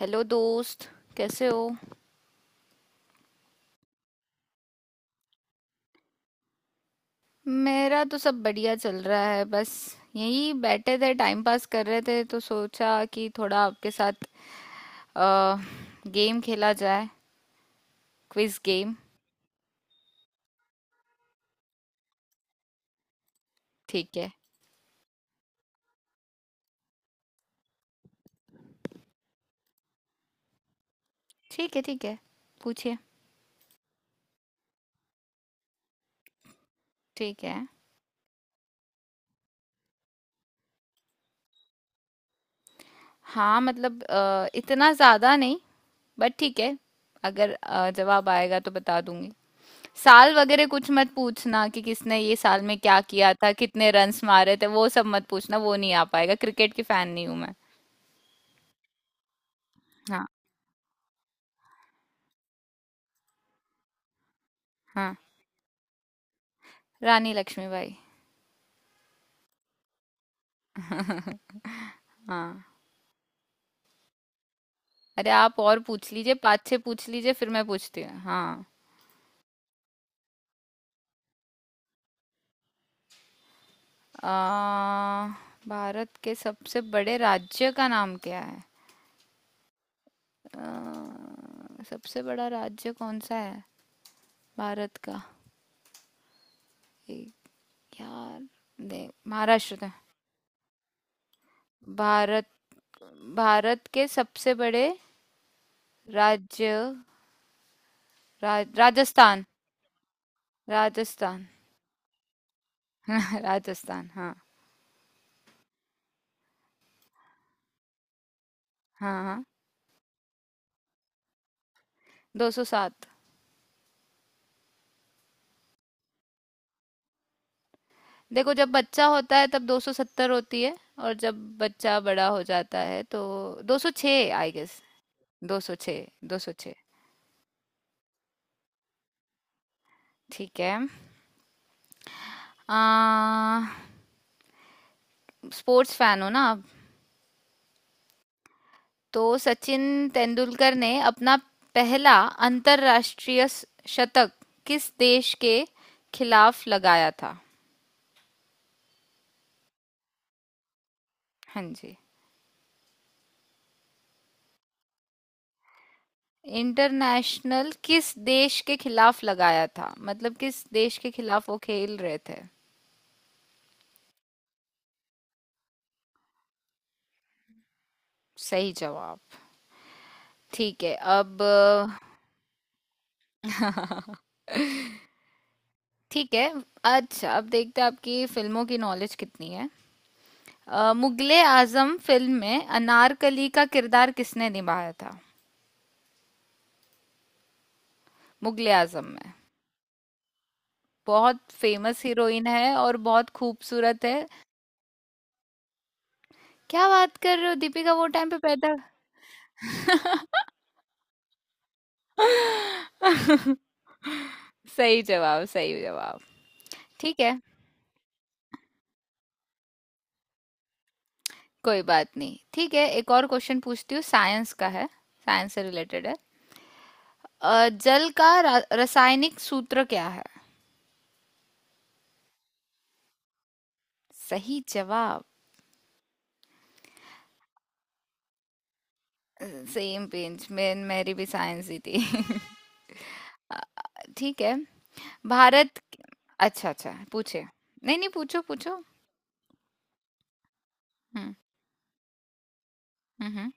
Hello दोस्त, कैसे हो। मेरा तो सब बढ़िया चल रहा है, बस यही बैठे थे, टाइम पास कर रहे थे, तो सोचा कि थोड़ा आपके साथ अ, गेम खेला जाए, क्विज गेम। ठीक है। ठीक है। ठीक है, पूछिए। ठीक है। हाँ, मतलब इतना ज़्यादा नहीं, बट ठीक है, अगर जवाब आएगा तो बता दूंगी। साल वगैरह कुछ मत पूछना कि किसने ये साल में क्या किया था, कितने रन्स मारे थे, वो सब मत पूछना, वो नहीं आ पाएगा, क्रिकेट की फैन नहीं हूं मैं। हाँ, हाँ, रानी लक्ष्मीबाई। हाँ, अरे आप और पूछ लीजिए, पाँच छः पूछ लीजिए, फिर मैं पूछती हूँ। हाँ। आ, भारत के सबसे बड़े राज्य का नाम क्या है। सबसे बड़ा राज्य कौन सा है, भारत का। एक, यार, दे... महाराष्ट्र था। भारत, भारत के सबसे बड़े राज्य, राजस्थान। राजस्थान। राजस्थान, हाँ। हाँ, हाँ। 200। देखो, जब बच्चा होता है तब 270 होती है, और जब बच्चा बड़ा हो जाता है तो 206 आई गेस। 206। 206। ठीक है। आ, स्पोर्ट्स फैन हो ना आप। तो सचिन तेंदुलकर ने अपना पहला अंतरराष्ट्रीय शतक किस देश के खिलाफ लगाया था। हाँ जी। इंटरनेशनल किस देश के खिलाफ लगाया था, मतलब किस देश के खिलाफ वो खेल रहे थे। सही जवाब। ठीक है, अब... ठीक है। अच्छा, अब देखते हैं आपकी फिल्मों की नॉलेज कितनी है। मुगले आजम फिल्म में अनारकली का किरदार किसने निभाया था। मुगले आजम में। बहुत फेमस हीरोइन है और बहुत खूबसूरत है। क्या बात कर रहे हो, दीपिका वो टाइम पे पैदा... सही जवाब, सही जवाब। ठीक है, कोई बात नहीं, ठीक है, एक और क्वेश्चन पूछती हूँ, साइंस का है, साइंस से रिलेटेड है। जल का रासायनिक सूत्र क्या है। सही जवाब। सेम पेज में मेरी भी साइंस ही थी। अ, ठीक है। भारत... अच्छा, अच्छा, पूछे। नहीं, नहीं, पूछो, पूछो। हम्म, हम्म। हम्म।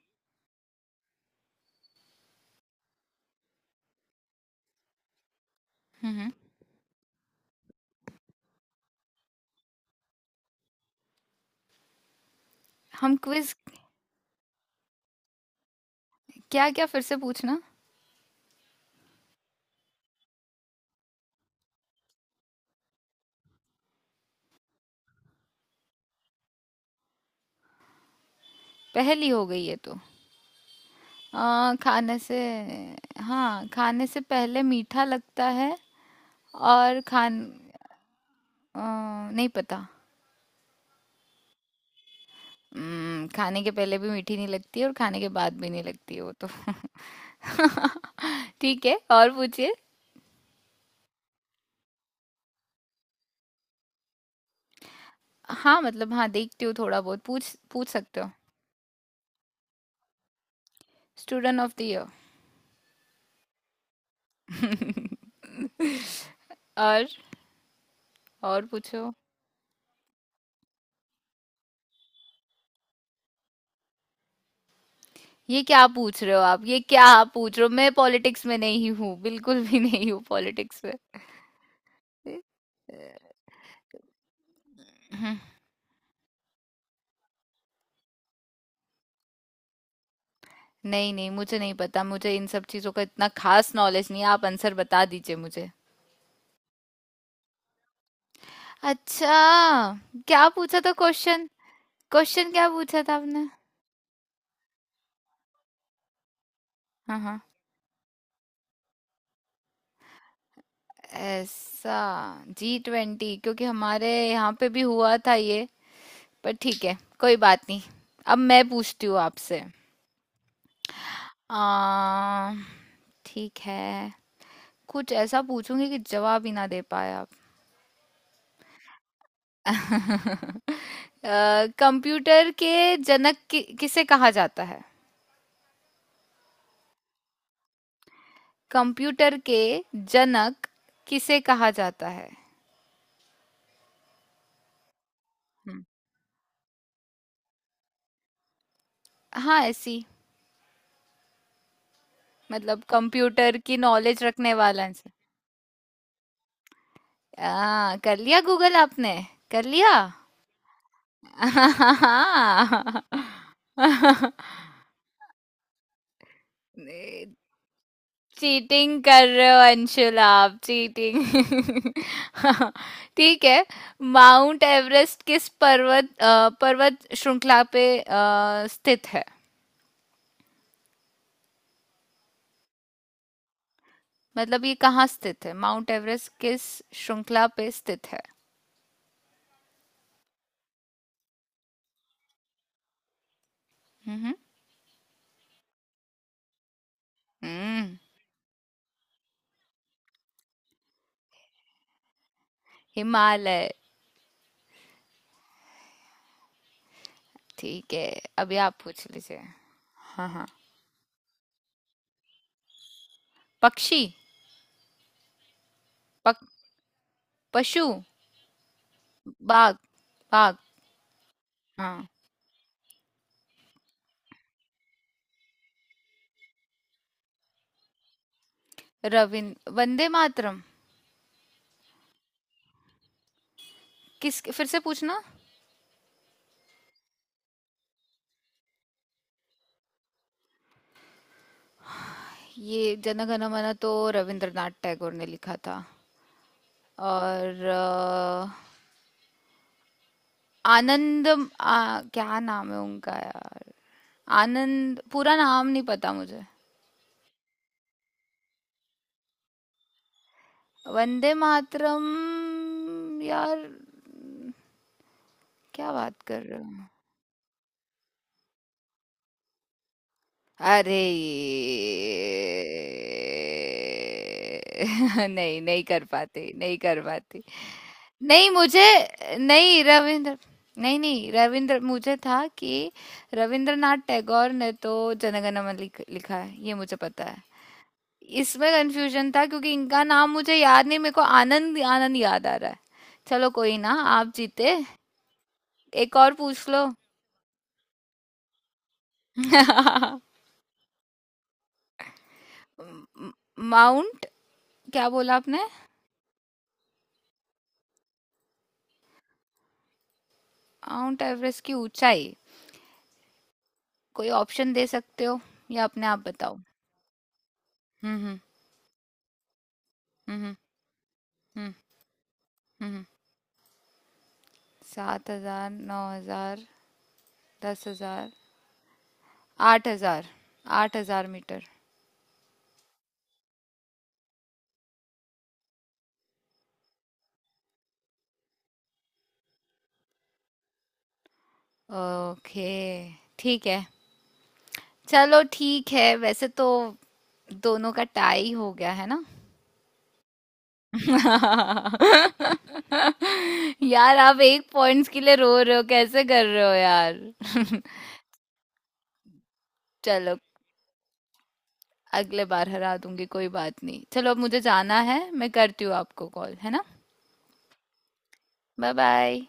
हम्म। हम, क्विज। क्या, क्या फिर से पूछना। पहली हो गई है तो... खाने से... हाँ, खाने से पहले मीठा लगता है और खान... अ, नहीं पता। खाने के पहले भी मीठी नहीं लगती और खाने के बाद भी नहीं लगती वो तो। ठीक है, और पूछिए। हाँ, मतलब हाँ, देखती हूँ थोड़ा बहुत, पूछ पूछ सकते हो। Student of the year. और और पूछो। ये क्या पूछ रहे हो आप, ये क्या आप पूछ रहे हो, मैं पॉलिटिक्स में नहीं हूँ, बिल्कुल भी नहीं हूँ पॉलिटिक्स में। हम्म। नहीं, नहीं, मुझे नहीं पता, मुझे इन सब चीजों का इतना खास नॉलेज नहीं है, आप आंसर बता दीजिए मुझे। अच्छा, क्या पूछा था क्वेश्चन, क्वेश्चन क्या पूछा था आपने। हाँ, हाँ, ऐसा। G20, क्योंकि हमारे यहाँ पे भी हुआ था ये। पर ठीक है, कोई बात नहीं, अब मैं पूछती हूँ आपसे। आ, ठीक है, कुछ ऐसा पूछूंगी कि जवाब ही ना दे पाए आप। कंप्यूटर के जनक किसे कहा जाता है। कंप्यूटर के जनक किसे कहा जाता है। हम्म, हाँ, ऐसी, मतलब कंप्यूटर की नॉलेज रखने वाला इंसान। कर लिया गूगल आपने, कर लिया। चीटिंग कर रहे हो अंशुल, आप चीटिंग। ठीक है। माउंट एवरेस्ट किस पर्वत, पर्वत श्रृंखला पे स्थित है। मतलब ये कहाँ स्थित है, माउंट एवरेस्ट किस श्रृंखला पे स्थित है। हम्म, हम्म, हिमालय। ठीक है, अभी आप पूछ लीजिए। हाँ, हाँ। पक्षी। पक, पशु। बाग, बाग। हाँ। रविंद्र, वंदे मातरम। किस, फिर से पूछना। ये जन गण मन तो रविंद्रनाथ टैगोर ने लिखा था, और आनंद... क्या नाम है उनका यार, आनंद, पूरा नाम नहीं पता मुझे। वंदे मातरम, यार, क्या बात कर रहे हो। अरे ये नहीं, नहीं कर पाते, नहीं कर पाते। नहीं, मुझे... नहीं, रविंद्र, नहीं, नहीं, रविंद्र मुझे था कि रविंद्रनाथ टैगोर ने तो जनगण मन लिखा है, ये मुझे पता है। इसमें कंफ्यूजन था क्योंकि इनका नाम मुझे याद नहीं, मेरे को आनंद आनंद याद आ रहा है। चलो कोई ना, आप जीते। एक और पूछ लो। माउंट... क्या बोला आपने, माउंट एवरेस्ट की ऊंचाई। कोई ऑप्शन दे सकते हो या अपने आप बताओ। हम्म, हम्म, हम्म, हम्म, हम्म। 7,000, 9,000, 10,000। 8,000। 8,000 मीटर। ओके, ठीक है। चलो ठीक है, वैसे तो दोनों का टाई हो गया है ना। यार, आप एक पॉइंट्स के लिए रो रहे हो, कैसे कर रहे हो यार। चलो, अगले बार हरा दूंगी, कोई बात नहीं। चलो, अब मुझे जाना है, मैं करती हूँ आपको कॉल, है ना। Bye bye.